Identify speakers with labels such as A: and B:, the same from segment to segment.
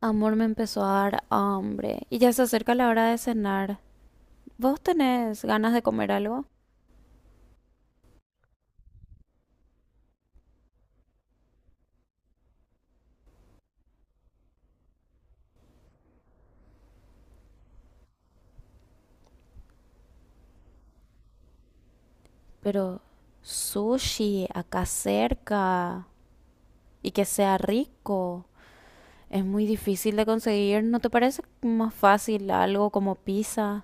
A: Amor, me empezó a dar hambre y ya se acerca la hora de cenar. ¿Vos tenés ganas de comer algo? Pero sushi, acá cerca, y que sea rico. Es muy difícil de conseguir, ¿no te parece más fácil algo como pizza?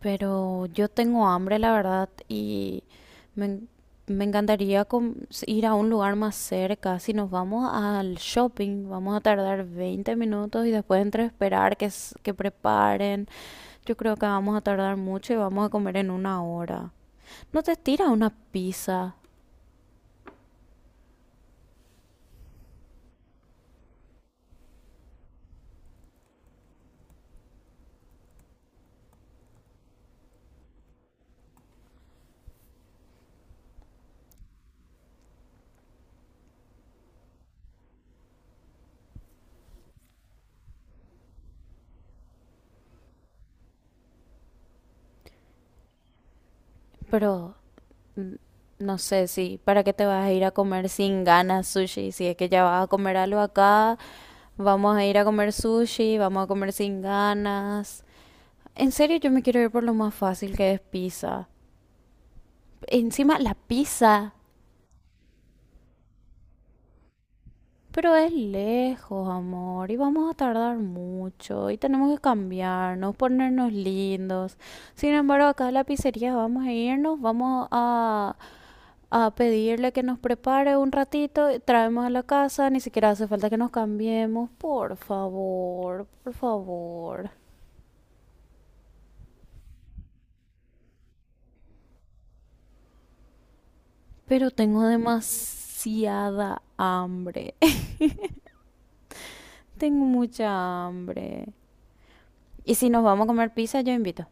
A: Pero yo tengo hambre, la verdad, y me, en- me encantaría ir a un lugar más cerca. Si nos vamos al shopping, vamos a tardar 20 minutos y después entre esperar que preparen. Yo creo que vamos a tardar mucho y vamos a comer en una hora. No te estira una pizza, pero no sé si, ¿para qué te vas a ir a comer sin ganas sushi? Si es que ya vas a comer algo acá, vamos a ir a comer sushi, vamos a comer sin ganas. En serio, yo me quiero ir por lo más fácil que es pizza. Encima, la pizza. Pero es lejos, amor, y vamos a tardar mucho, y tenemos que cambiarnos, ponernos lindos. Sin embargo, acá a la pizzería vamos a irnos, vamos a pedirle que nos prepare un ratito, y traemos a la casa, ni siquiera hace falta que nos cambiemos. Por favor, por favor. Pero tengo demasiada hambre. Tengo mucha hambre. Y si nos vamos a comer pizza, yo invito.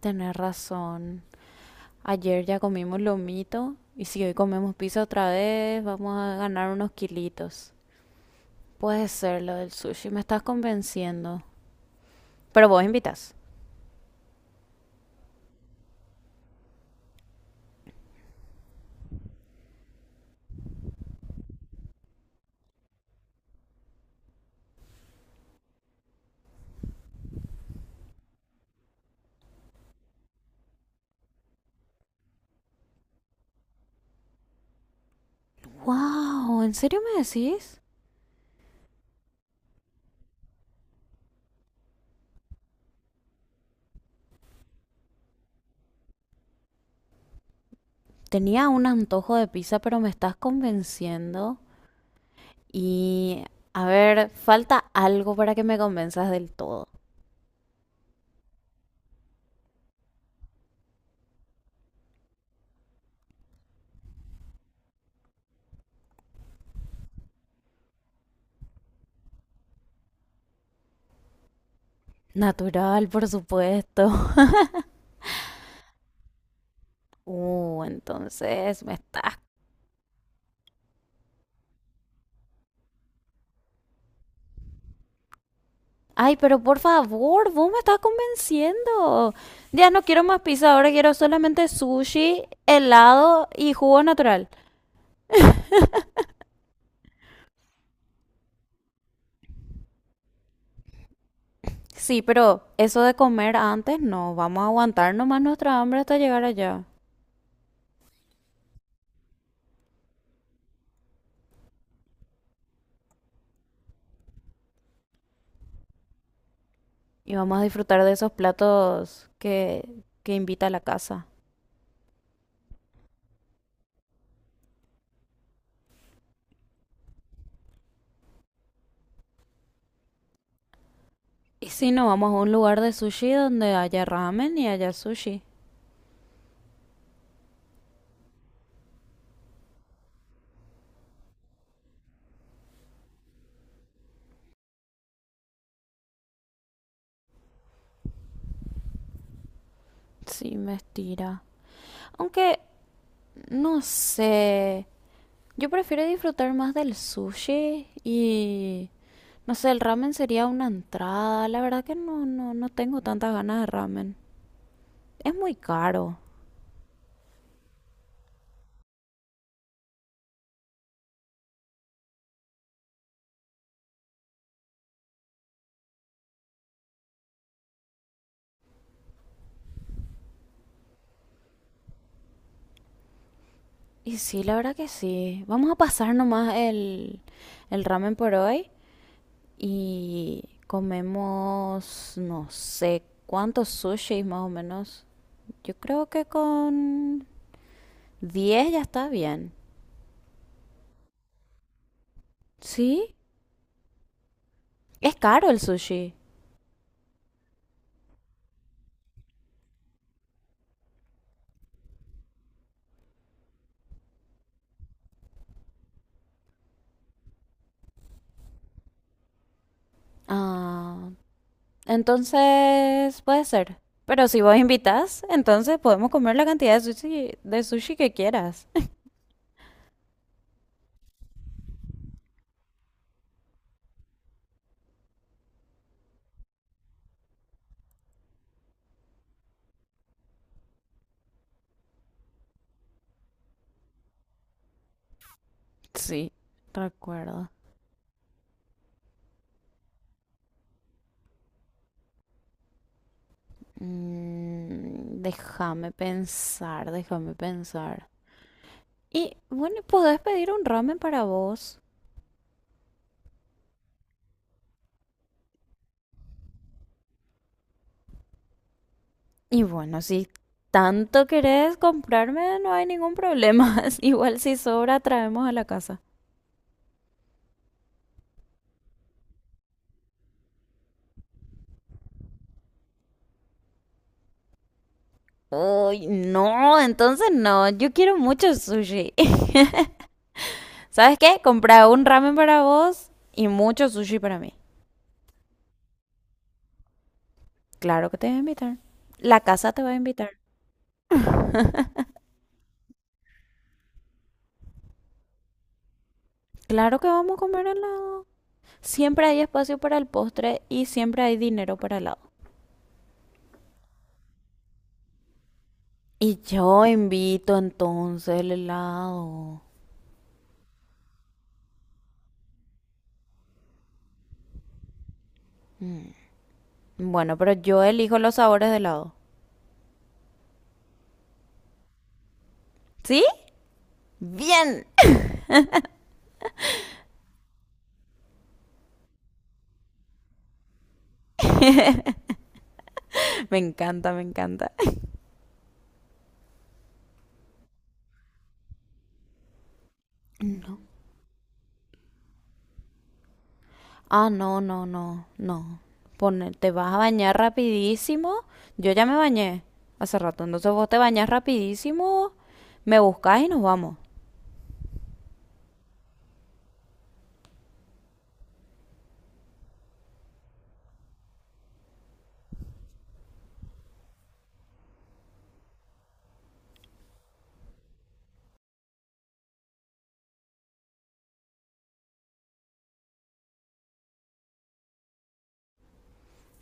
A: Tenés razón. Ayer ya comimos lomito. Y si hoy comemos pizza otra vez, vamos a ganar unos kilitos. Puede ser lo del sushi, me estás convenciendo. Pero vos invitas. ¡Wow! ¿En serio me decís? Tenía un antojo de pizza, pero me estás convenciendo. Y a ver, falta algo para que me convenzas del todo. Natural, por supuesto. Entonces me estás. Ay, pero por favor, vos me estás convenciendo. Ya no quiero más pizza, ahora quiero solamente sushi, helado y jugo natural. Sí, pero eso de comer antes no, vamos a aguantar nomás nuestra hambre hasta llegar allá. Y vamos a disfrutar de esos platos que invita a la casa. Y si no, vamos a un lugar de sushi donde haya ramen y haya sushi. Sí, me estira. Aunque, no sé, yo prefiero disfrutar más del sushi y no sé, el ramen sería una entrada. La verdad que no, no, no tengo tantas ganas de ramen. Es muy caro. Y sí, la verdad que sí. Vamos a pasar nomás el ramen por hoy y comemos, no sé, cuántos sushis más o menos. Yo creo que con 10 ya está bien. ¿Sí? Es caro el sushi. Ah, entonces, puede ser. Pero si vos invitas, entonces podemos comer la cantidad de sushi que quieras. Sí, recuerdo. Déjame pensar, déjame pensar. Y bueno, podés pedir un ramen para vos. Y bueno, si tanto querés comprarme, no hay ningún problema. Igual si sobra, traemos a la casa. Ay, no, entonces no. Yo quiero mucho sushi. ¿Sabes qué? Comprar un ramen para vos y mucho sushi para mí. Claro que te voy a invitar. La casa te va a invitar. Claro que vamos a comer helado. Siempre hay espacio para el postre y siempre hay dinero para helado. Y yo invito entonces el helado. Bueno, pero yo elijo los sabores de helado. ¿Sí? Bien. Me encanta, me encanta. No. Ah, no, no, no, no. Te vas a bañar rapidísimo. Yo ya me bañé hace rato, entonces vos te bañas rapidísimo, me buscás y nos vamos.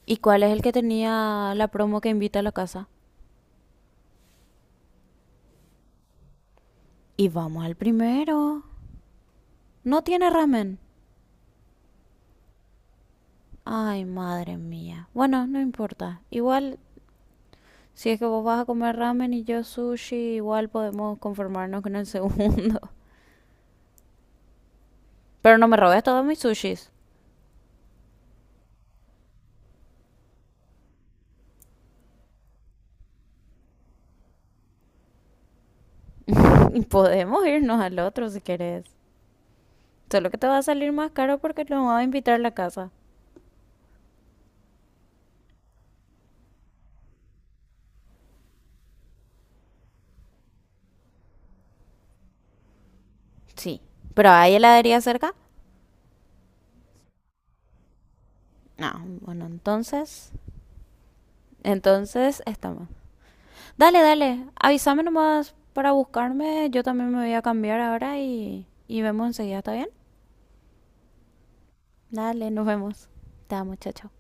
A: ¿Y cuál es el que tenía la promo que invita a la casa? Y vamos al primero. No tiene ramen. Ay, madre mía. Bueno, no importa. Igual, si es que vos vas a comer ramen y yo sushi, igual podemos conformarnos con el segundo. Pero no me robes todos mis sushis. Y podemos irnos al otro si querés. Solo que te va a salir más caro porque lo va a invitar a la casa. Sí. ¿Pero hay heladería cerca? No. Bueno, entonces. Entonces estamos. Dale, dale. Avísame nomás para buscarme. Yo también me voy a cambiar ahora y vemos enseguida, ¿está bien? Dale, nos vemos. Te amo, chao, chao.